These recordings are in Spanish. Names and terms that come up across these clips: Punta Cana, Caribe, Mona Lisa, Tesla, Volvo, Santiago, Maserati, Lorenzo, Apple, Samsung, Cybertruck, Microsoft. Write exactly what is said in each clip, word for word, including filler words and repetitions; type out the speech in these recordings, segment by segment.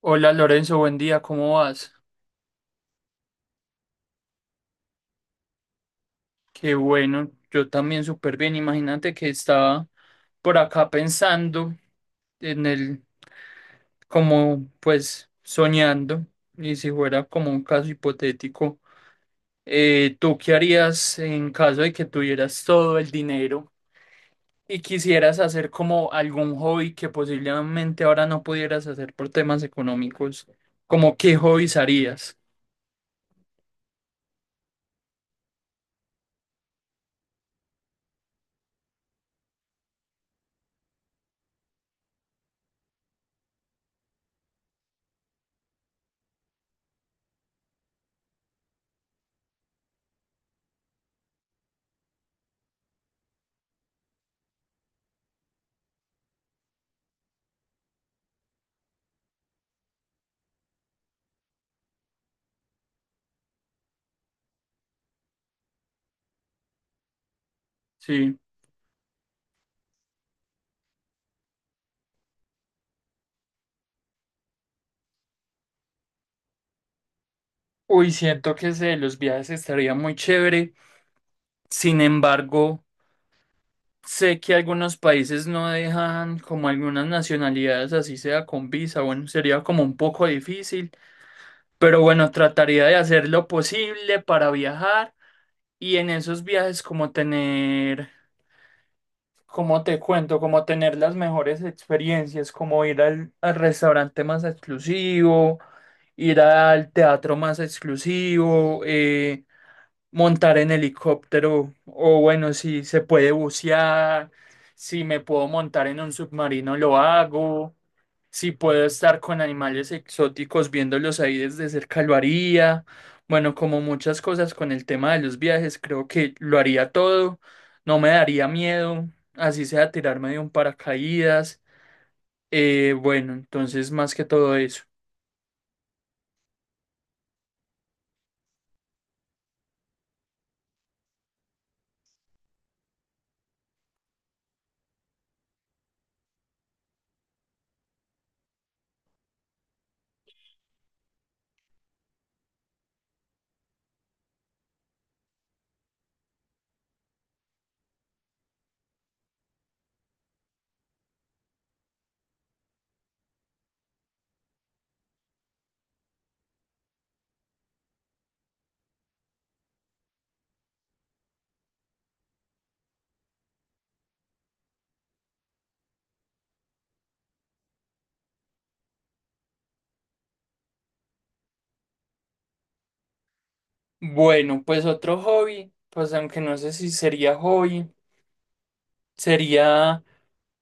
Hola Lorenzo, buen día, ¿cómo vas? Qué bueno, yo también súper bien. Imagínate que estaba por acá pensando en el, como pues soñando, y si fuera como un caso hipotético, eh, ¿tú qué harías en caso de que tuvieras todo el dinero y quisieras hacer como algún hobby que posiblemente ahora no pudieras hacer por temas económicos? ¿Como qué hobbies harías? Sí. Uy, siento que ese los viajes estaría muy chévere. Sin embargo, sé que algunos países no dejan como algunas nacionalidades, así sea con visa. Bueno, sería como un poco difícil. Pero bueno, trataría de hacer lo posible para viajar y en esos viajes como tener, como te cuento, como tener las mejores experiencias, como ir al, al restaurante más exclusivo, ir al teatro más exclusivo, eh, montar en helicóptero o bueno, si se puede bucear, si me puedo montar en un submarino, lo hago, si puedo estar con animales exóticos viéndolos ahí desde cerca, lo haría. Bueno, como muchas cosas con el tema de los viajes, creo que lo haría todo, no me daría miedo, así sea tirarme de un paracaídas. Eh, bueno, entonces más que todo eso. Bueno, pues otro hobby, pues aunque no sé si sería hobby, sería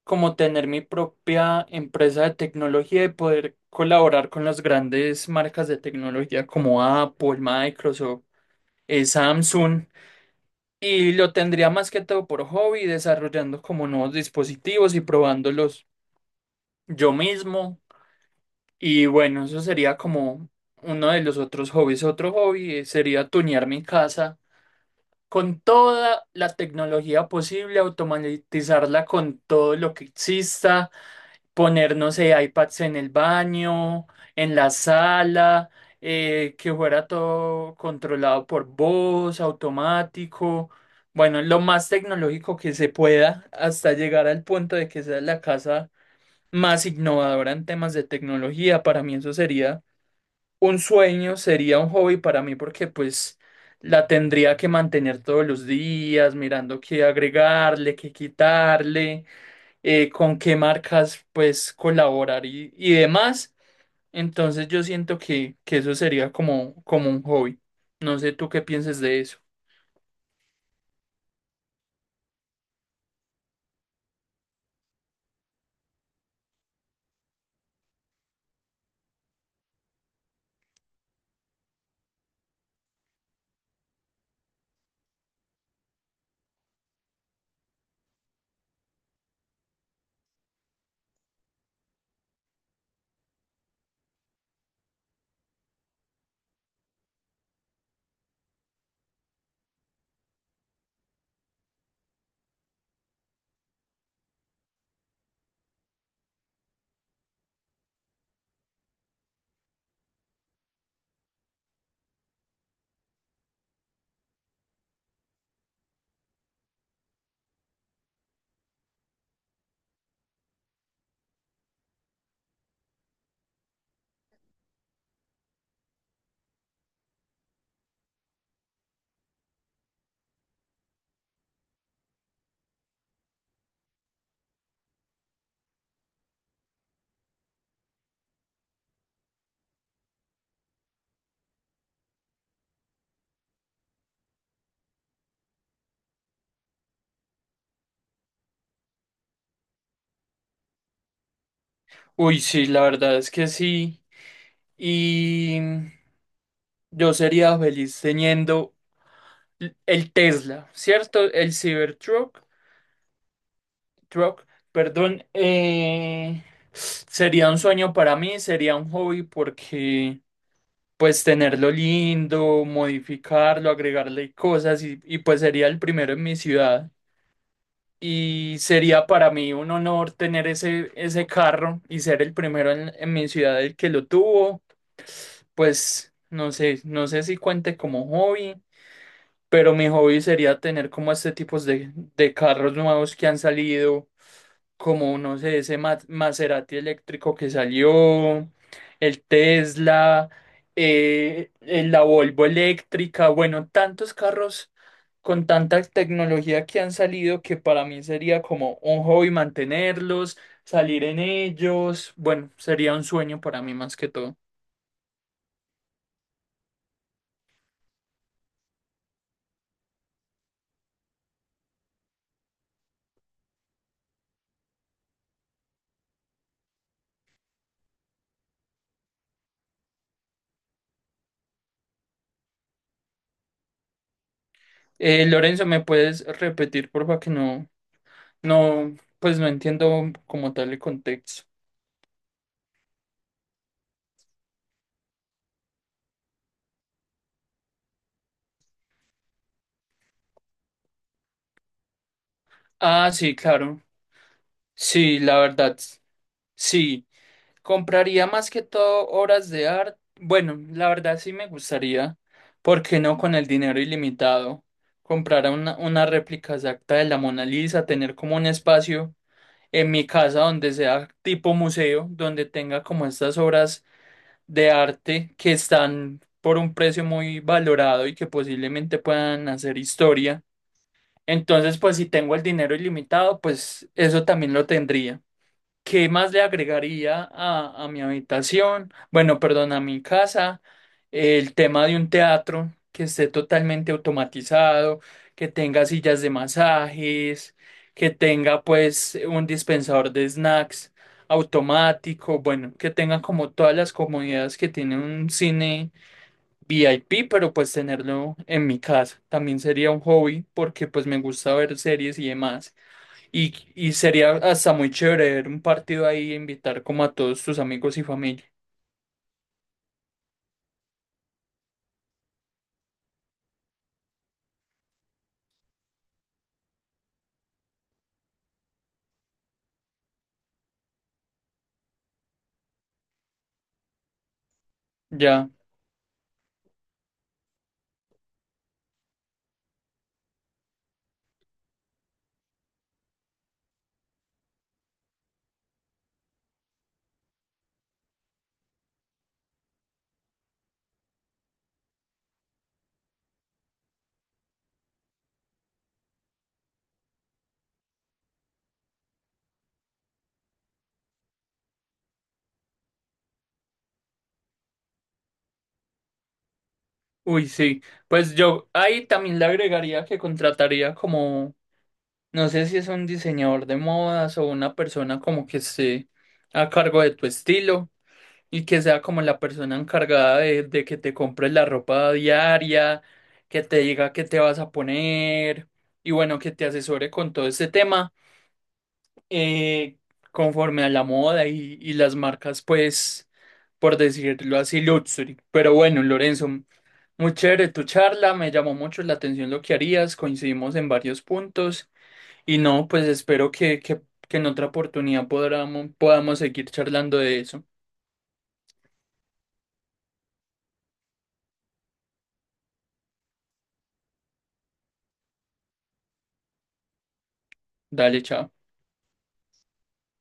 como tener mi propia empresa de tecnología y poder colaborar con las grandes marcas de tecnología como Apple, Microsoft, eh, Samsung. Y lo tendría más que todo por hobby, desarrollando como nuevos dispositivos y probándolos yo mismo. Y bueno, eso sería como uno de los otros hobbies. Otro hobby eh, sería tunear mi casa con toda la tecnología posible, automatizarla con todo lo que exista poner, no sé, iPads en el baño, en la sala, eh, que fuera todo controlado por voz, automático, bueno, lo más tecnológico que se pueda hasta llegar al punto de que sea la casa más innovadora en temas de tecnología. Para mí eso sería un sueño, sería un hobby para mí porque pues la tendría que mantener todos los días, mirando qué agregarle, qué quitarle eh, con qué marcas pues colaborar y, y demás. Entonces yo siento que, que eso sería como, como un hobby. No sé tú qué pienses de eso. Uy, sí, la verdad es que sí. Y yo sería feliz teniendo l- el Tesla, ¿cierto? El Cybertruck, truck, perdón. Eh, sería un sueño para mí, sería un hobby porque pues tenerlo lindo, modificarlo, agregarle cosas y, y pues sería el primero en mi ciudad. Y sería para mí un honor tener ese, ese carro y ser el primero en, en mi ciudad el que lo tuvo. Pues no sé, no sé si cuente como hobby, pero mi hobby sería tener como este tipo de, de carros nuevos que han salido como, no sé, ese Ma- Maserati eléctrico que salió, el Tesla, eh, eh, la Volvo eléctrica, bueno, tantos carros con tanta tecnología que han salido que para mí sería como un hobby mantenerlos, salir en ellos, bueno, sería un sueño para mí más que todo. Eh, Lorenzo, ¿me puedes repetir, porfa, que no, no, pues no entiendo como tal el contexto? Ah, sí, claro. Sí, la verdad, sí. Compraría más que todo obras de arte. Bueno, la verdad sí me gustaría, ¿por qué no con el dinero ilimitado? Comprar una, una réplica exacta de la Mona Lisa, tener como un espacio en mi casa donde sea tipo museo, donde tenga como estas obras de arte que están por un precio muy valorado y que posiblemente puedan hacer historia. Entonces, pues si tengo el dinero ilimitado, pues eso también lo tendría. ¿Qué más le agregaría a, a mi habitación? Bueno, perdón, a mi casa. El tema de un teatro que esté totalmente automatizado, que tenga sillas de masajes, que tenga pues un dispensador de snacks automático, bueno, que tenga como todas las comodidades que tiene un cine V I P, pero pues tenerlo en mi casa. También sería un hobby porque pues me gusta ver series y demás. Y, y sería hasta muy chévere ver un partido ahí e invitar como a todos tus amigos y familia. Ya, uy, sí. Pues yo ahí también le agregaría que contrataría como, no sé si es un diseñador de modas o una persona como que esté a cargo de tu estilo y que sea como la persona encargada de, de que te compres la ropa diaria, que te diga qué te vas a poner y bueno, que te asesore con todo este tema. eh, Conforme a la moda y, y las marcas, pues, por decirlo así, luxury. Pero bueno, Lorenzo, muy chévere tu charla, me llamó mucho la atención lo que harías, coincidimos en varios puntos y no, pues espero que, que, que en otra oportunidad podamos, podamos seguir charlando de eso. Dale, chao.